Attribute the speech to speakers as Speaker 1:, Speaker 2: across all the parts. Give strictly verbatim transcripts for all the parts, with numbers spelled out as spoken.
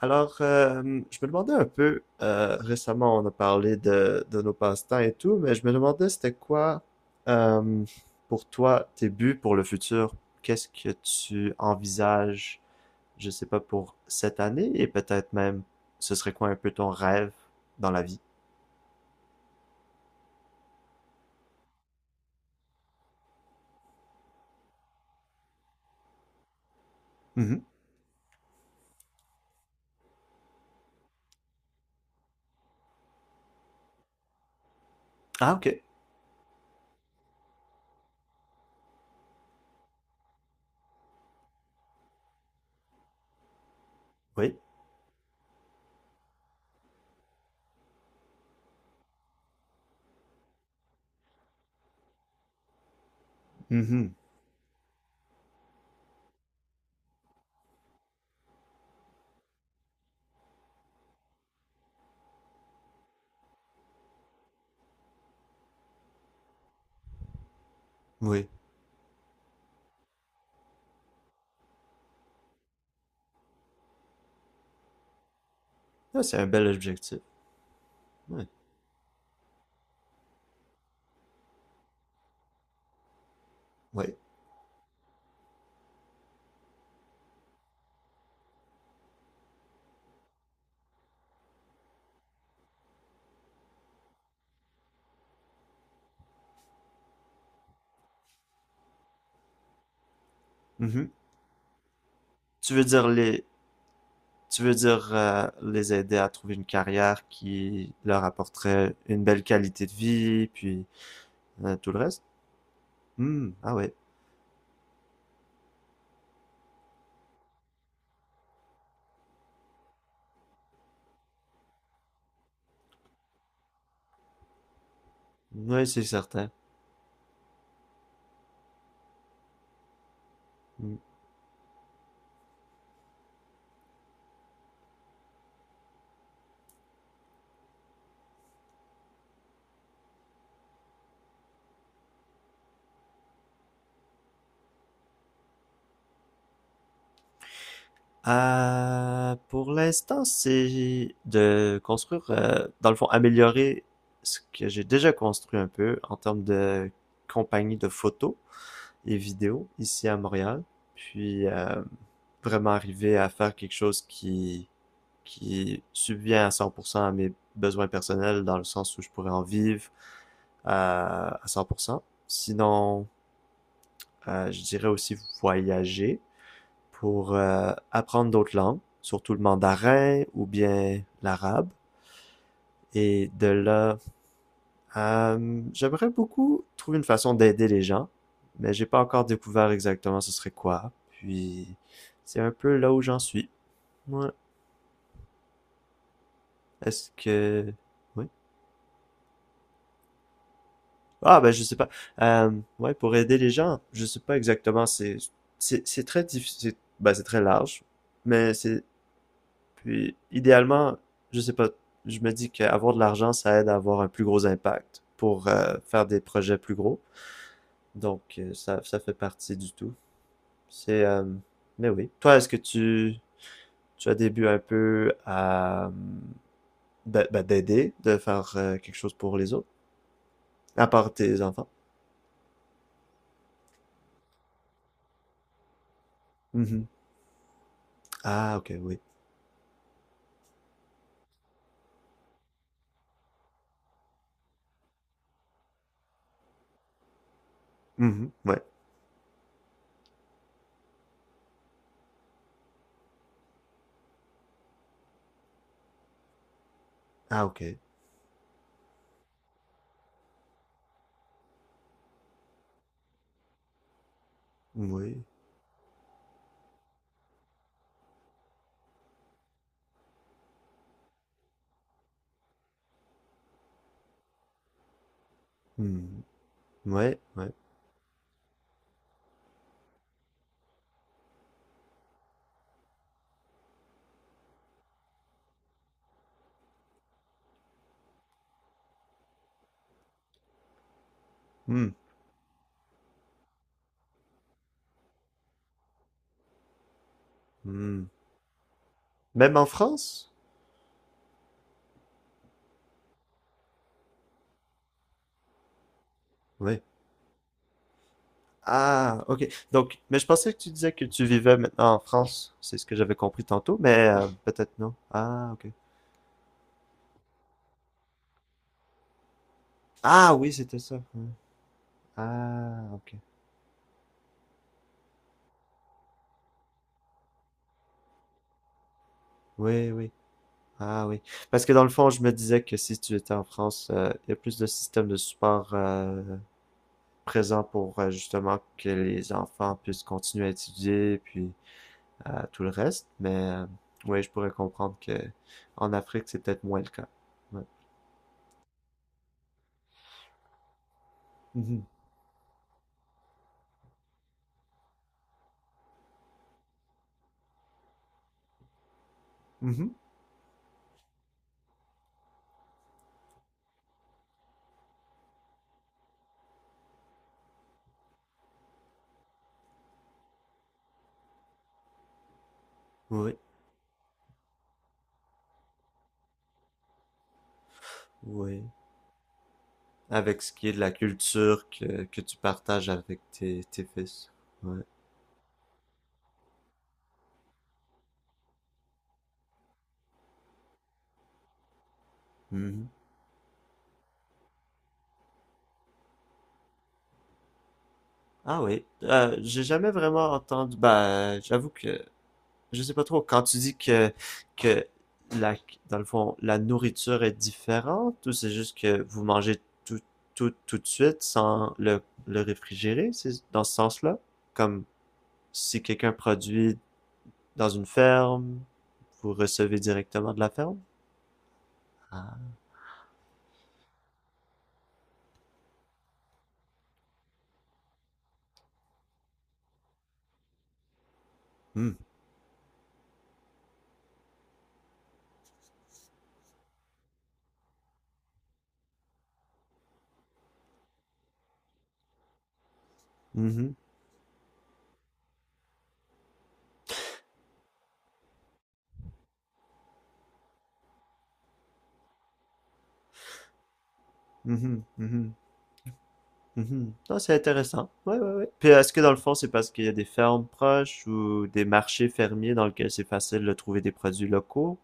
Speaker 1: Alors, euh, je me demandais un peu, euh, récemment on a parlé de, de nos passe-temps et tout, mais je me demandais c'était quoi euh, pour toi tes buts pour le futur? Qu'est-ce que tu envisages, je sais pas, pour cette année et peut-être même ce serait quoi un peu ton rêve dans la vie? Mhm. Ah, ok. Oui. Mhm. Oui. Ah, c'est un bel objectif. Oui. Oui. Mhm. Tu veux dire les, Tu veux dire euh, les aider à trouver une carrière qui leur apporterait une belle qualité de vie, puis euh, tout le reste? Hmm, ah ouais. Oui, c'est certain. Hmm. Euh, pour l'instant, c'est de construire, euh, dans le fond, améliorer ce que j'ai déjà construit un peu en termes de compagnie de photos et vidéos ici à Montréal. Puis euh, vraiment arriver à faire quelque chose qui qui subvient à cent pour cent à mes besoins personnels dans le sens où je pourrais en vivre euh, à cent pour cent. Sinon, euh, je dirais aussi voyager pour euh, apprendre d'autres langues, surtout le mandarin ou bien l'arabe. Et de là, euh, j'aimerais beaucoup trouver une façon d'aider les gens, mais j'ai pas encore découvert exactement ce serait quoi. Puis, c'est un peu là où j'en suis. Ouais. Est-ce que... Oui. Ah ben, je sais pas. Euh, ouais, pour aider les gens, je sais pas exactement. C'est, c'est, c'est très difficile. Ben, c'est très large. Mais c'est, puis, idéalement, je sais pas. Je me dis qu'avoir de l'argent, ça aide à avoir un plus gros impact pour euh, faire des projets plus gros. Donc, euh, ça, ça fait partie du tout. C'est, euh, mais oui. Toi, est-ce que tu, tu as des buts un peu à, ben, ben, d'aider, de faire euh, quelque chose pour les autres, à part tes enfants? Mhm. Ah, ok, oui. Mhm, ouais. Ah OK. Oui. Mmh. Ouais, ouais. Mmh. Mmh. Même en France? Oui. Ah, OK. Donc, mais je pensais que tu disais que tu vivais maintenant en France. C'est ce que j'avais compris tantôt, mais euh, peut-être non. Ah, OK. Ah oui, c'était ça. Ouais. Ah, OK. Oui, oui. Ah oui. Parce que dans le fond, je me disais que si tu étais en France, euh, il y a plus de systèmes de support euh, présents pour euh, justement que les enfants puissent continuer à étudier, puis à tout le reste, mais euh, ouais, je pourrais comprendre que en Afrique, c'est peut-être moins le cas. Ouais. Mhm. Mhm. Oui, oui. Avec ce qui est de la culture que, que tu partages avec tes, tes fils. Ouais. Mhm. Ah oui. Euh, j'ai jamais vraiment entendu. Ben, j'avoue que je sais pas trop. Quand tu dis que que la, dans le fond, la nourriture est différente, ou c'est juste que vous mangez tout tout tout de suite sans le le réfrigérer, c'est dans ce sens-là? Comme si quelqu'un produit dans une ferme, vous recevez directement de la ferme? Ah. Hmm. Mhm. Mhm. Mhm. Mhm. Non, c'est intéressant. Oui, oui, oui. Puis est-ce que dans le fond, c'est parce qu'il y a des fermes proches ou des marchés fermiers dans lesquels c'est facile de trouver des produits locaux?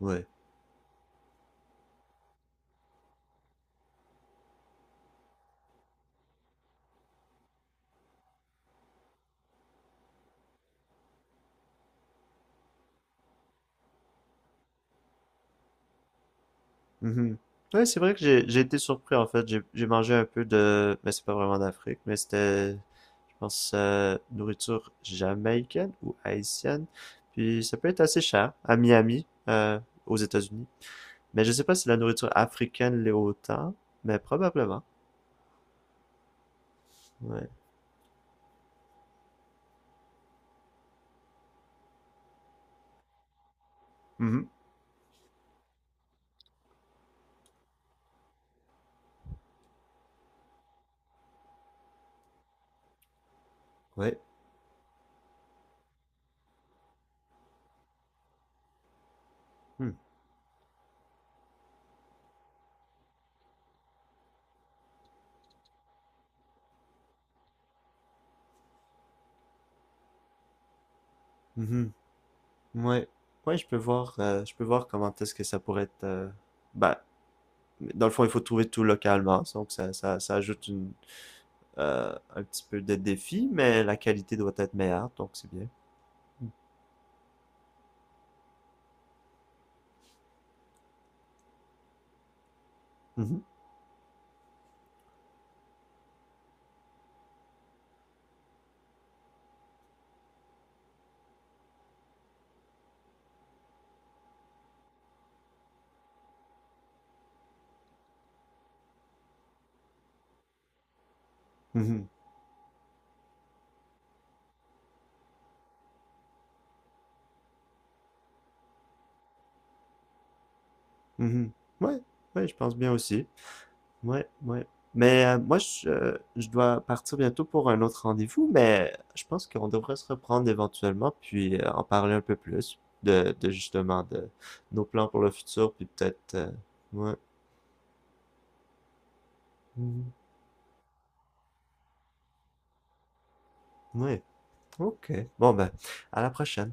Speaker 1: Ouais. Mhm. Oui, c'est vrai que j'ai j'ai été surpris en fait. J'ai j'ai mangé un peu de, mais c'est pas vraiment d'Afrique, mais c'était je pense, euh, nourriture jamaïcaine ou haïtienne. Puis ça peut être assez cher à Miami, euh, aux États-Unis. Mais je sais pas si la nourriture africaine l'est autant, mais probablement. Ouais. Mhm. Ouais. Hmm. Mhm. Ouais. Ouais, je peux voir, euh, je peux voir comment est-ce que ça pourrait être. euh, Bah, Dans le fond, il faut trouver tout localement, donc ça, ça, ça ajoute une, euh, un petit peu de défi, mais la qualité doit être meilleure, donc c'est bien. Mhm. Mhm. Mhm. Ouais, ouais, je pense bien aussi. Ouais, ouais. Mais euh, moi, je, euh, je dois partir bientôt pour un autre rendez-vous, mais je pense qu'on devrait se reprendre éventuellement, puis euh, en parler un peu plus de, de justement de nos plans pour le futur, puis peut-être... euh, ouais. Mhm. Ouais. Ok. Bon ben, à la prochaine.